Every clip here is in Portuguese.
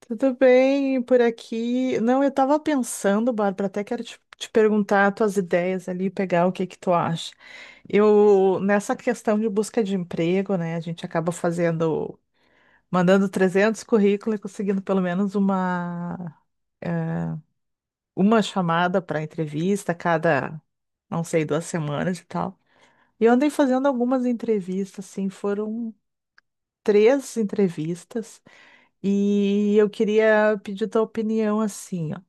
Tudo bem por aqui? Não, eu tava pensando, Bárbara, até quero te perguntar as tuas ideias ali, pegar o que que tu acha. Eu, nessa questão de busca de emprego, né, a gente acaba fazendo, mandando 300 currículos e conseguindo pelo menos uma, eh, uma chamada para entrevista cada, não sei, 2 semanas e tal. E eu andei fazendo algumas entrevistas, assim, foram três entrevistas, e eu queria pedir tua opinião, assim, ó.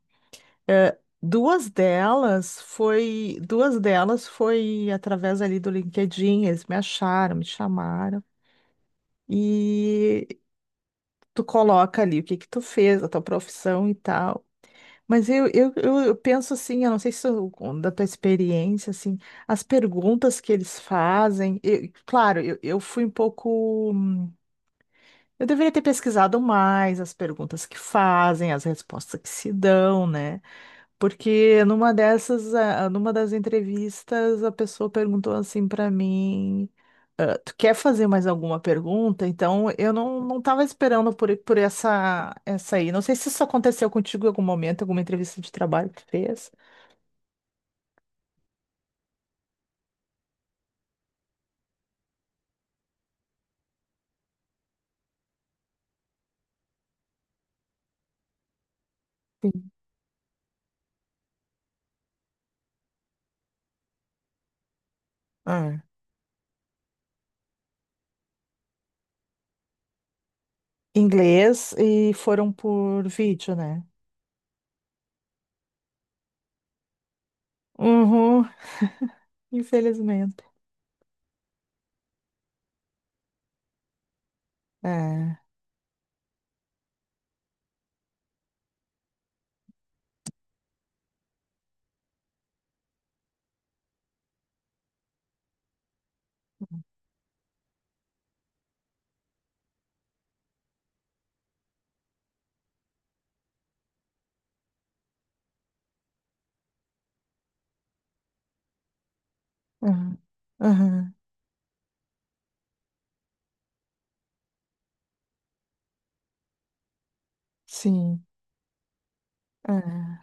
É, duas delas foi através ali do LinkedIn, eles me acharam, me chamaram e tu coloca ali o que que tu fez, a tua profissão e tal. Mas eu penso assim, eu não sei se eu- da tua experiência, assim, as perguntas que eles fazem, eu- claro, eu fui um pouco, eu deveria ter pesquisado mais as perguntas que fazem, as respostas que se dão, né? Porque numa dessas, ah, numa das entrevistas, a pessoa perguntou assim pra mim, ah, tu quer fazer mais alguma pergunta? Então, eu não, não tava esperando por essa aí. Não sei se isso aconteceu contigo em algum momento, alguma entrevista de trabalho que tu fez. Sim. Ah. Inglês e foram por vídeo, né? Uhum, infelizmente. É. Aham, aham, sim. É.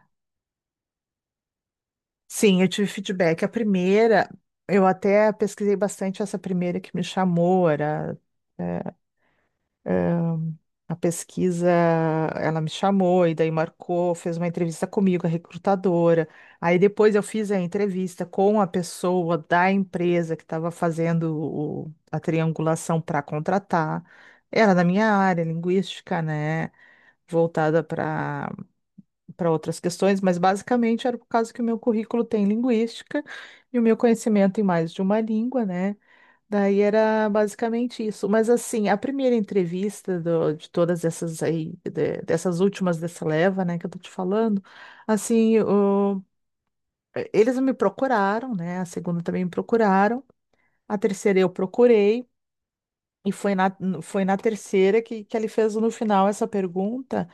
Sim, eu tive feedback. A primeira, eu até pesquisei bastante essa primeira que me chamou, era é, a pesquisa, ela me chamou e daí marcou, fez uma entrevista comigo, a recrutadora. Aí depois eu fiz a entrevista com a pessoa da empresa que estava fazendo a triangulação para contratar. Era da minha área, linguística, né? Voltada para outras questões, mas basicamente era por causa que o meu currículo tem linguística e o meu conhecimento em mais de uma língua, né? Daí era basicamente isso. Mas assim, a primeira entrevista de todas essas aí, dessas últimas dessa leva, né, que eu tô te falando, assim, eles me procuraram, né? A segunda também me procuraram, a terceira eu procurei. E foi na terceira que, ele fez no final essa pergunta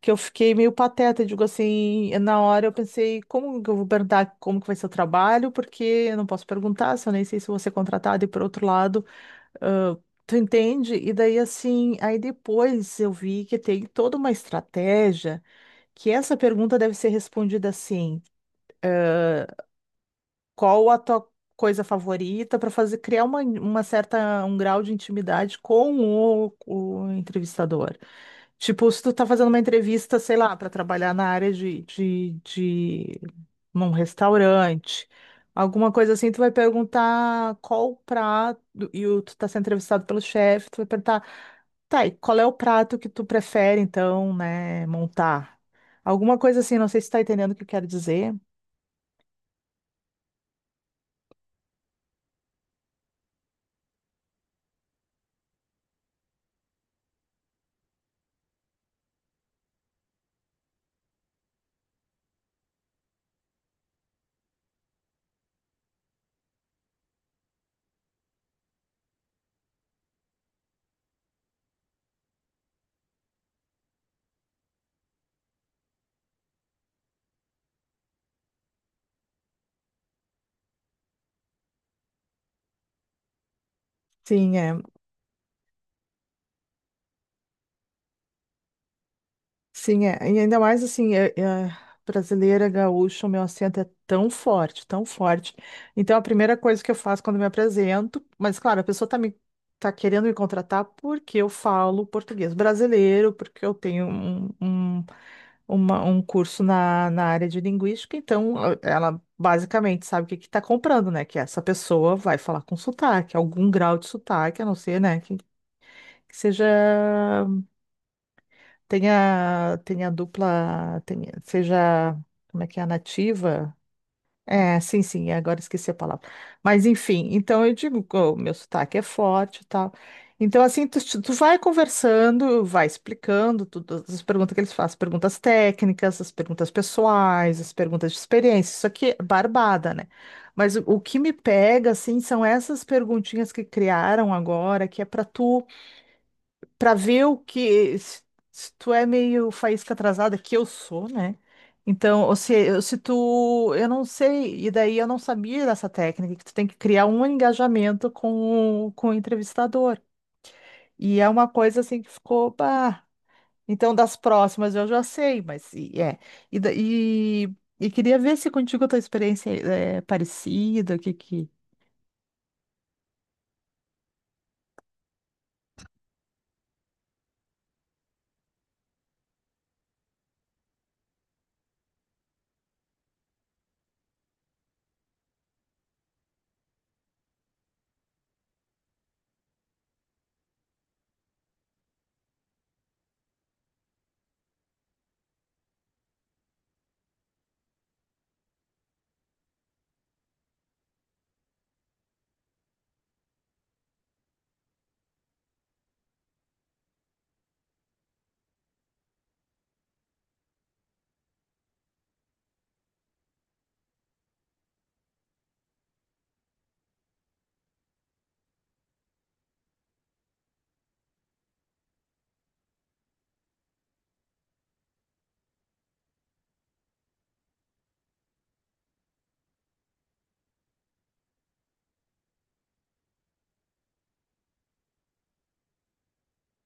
que eu fiquei meio pateta, digo assim, na hora eu pensei, como que eu vou perguntar como que vai ser o trabalho, porque eu não posso perguntar, se eu nem sei se vou ser contratada, e por outro lado, ah, tu entende? E daí assim, aí depois eu vi que tem toda uma estratégia, que essa pergunta deve ser respondida assim, qual a tua coisa favorita para fazer criar uma certa um grau de intimidade com o entrevistador. Tipo, se tu tá fazendo uma entrevista, sei lá, para trabalhar na área de num restaurante, alguma coisa assim, tu vai perguntar qual o prato, e tu tá sendo entrevistado pelo chefe, tu vai perguntar, tá, e qual é o prato que tu prefere, então, né, montar? Alguma coisa assim, não sei se tu tá entendendo o que eu quero dizer. Sim, é. Sim, é. E ainda mais assim, brasileira, gaúcha, o meu acento é tão forte, tão forte. Então, a primeira coisa que eu faço quando me apresento, mas claro, a pessoa tá querendo me contratar porque eu falo português brasileiro, porque eu tenho um curso na área de linguística, então ela basicamente sabe o que que tá comprando, né? Que essa pessoa vai falar com sotaque, algum grau de sotaque, a não ser, né, que seja tem a dupla, tem, seja, como é que é a nativa? É, sim, sim, agora esqueci a palavra. Mas enfim, então eu digo que o meu sotaque é forte e tal. Então, assim, tu vai conversando, vai explicando tudo, as perguntas que eles fazem, perguntas técnicas, as perguntas pessoais, as perguntas de experiência, isso aqui é barbada, né? Mas o que me pega, assim, são essas perguntinhas que criaram agora, que é para ver o que se tu é meio faísca atrasada que eu sou, né? Então, ou se, eu- se tu, eu não sei, e daí eu não sabia dessa técnica que tu tem que criar um engajamento com o entrevistador. E é uma coisa assim que ficou, bah. Então, das próximas eu já sei, mas é. E, e queria ver se contigo a tua experiência é parecida, o que que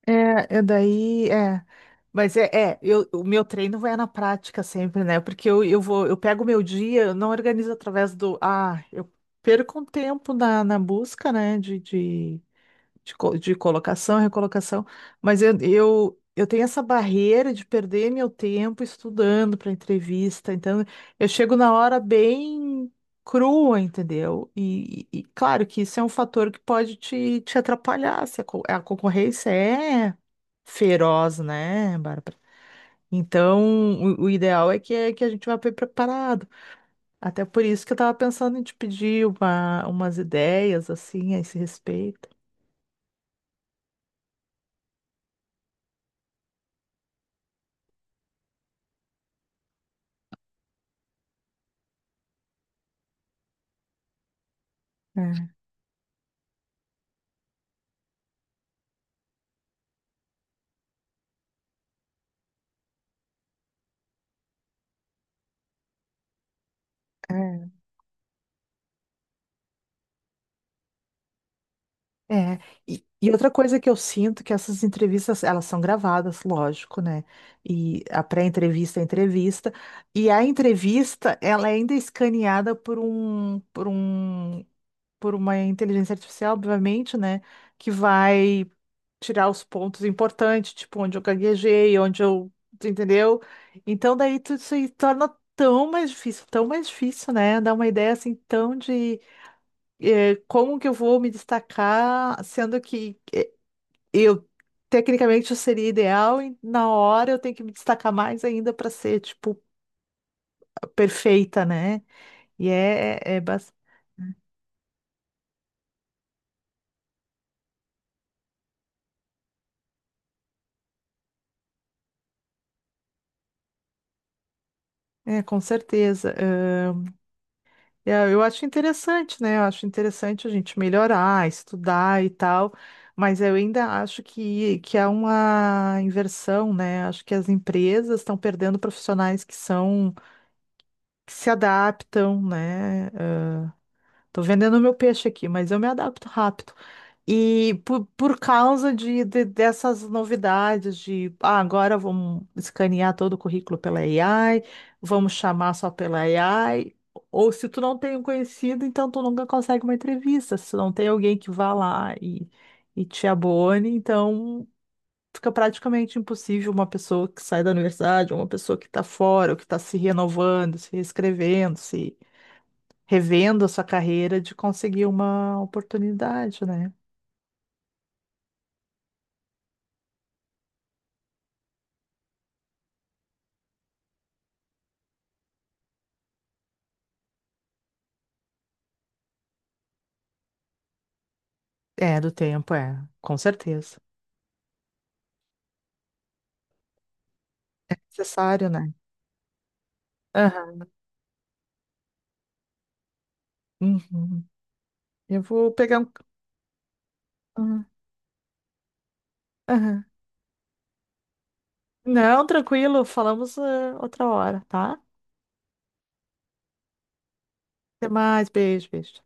É, eu daí, é. Mas é, é eu, o meu treino vai na prática sempre, né? Porque eu vou, eu pego o meu dia, eu não organizo através do. Ah, eu perco um tempo na busca, né? De colocação, recolocação, mas eu tenho essa barreira de perder meu tempo estudando para entrevista, então eu chego na hora bem crua, entendeu? E claro que isso é um fator que pode te atrapalhar, se a, co- a concorrência é feroz, né, Bárbara? Então, o ideal é que a gente vá bem preparado. Até por isso que eu estava pensando em te pedir umas ideias, assim, a esse respeito. É. É, e outra coisa que eu sinto que essas entrevistas, elas são gravadas, lógico, né? E a pré-entrevista é entrevista, e a entrevista, ela é ainda escaneada por uma inteligência artificial, obviamente, né? Que vai tirar os pontos importantes, tipo onde eu gaguejei, onde eu, tu entendeu? Então daí tudo isso aí torna tão mais difícil, né? Dá uma ideia assim tão de como que eu vou me destacar, sendo que é, eu, tecnicamente, eu seria ideal e na hora eu tenho que me destacar mais ainda para ser, tipo, perfeita, né? E é, com certeza. É, eu acho interessante, né? Eu acho interessante a gente melhorar, estudar e tal, mas eu ainda acho que há uma inversão, né? Acho que as empresas estão perdendo profissionais que são, que se adaptam, né? Tô vendendo meu peixe aqui, mas eu me adapto rápido. E por causa dessas novidades de ah, agora vamos escanear todo o currículo pela AI, vamos chamar só pela AI, ou se tu não tem um conhecido, então tu nunca consegue uma entrevista, se não tem alguém que vá lá e te abone, então fica praticamente impossível uma pessoa que sai da universidade, uma pessoa que está fora, ou que está se renovando, se reescrevendo, revendo a sua carreira de conseguir uma oportunidade, né? É, do tempo, é, com certeza. É necessário, né? Aham. Uhum. Eu vou pegar um. Aham. Aham. Não, tranquilo, falamos, outra hora, tá? Até mais, beijo, beijo.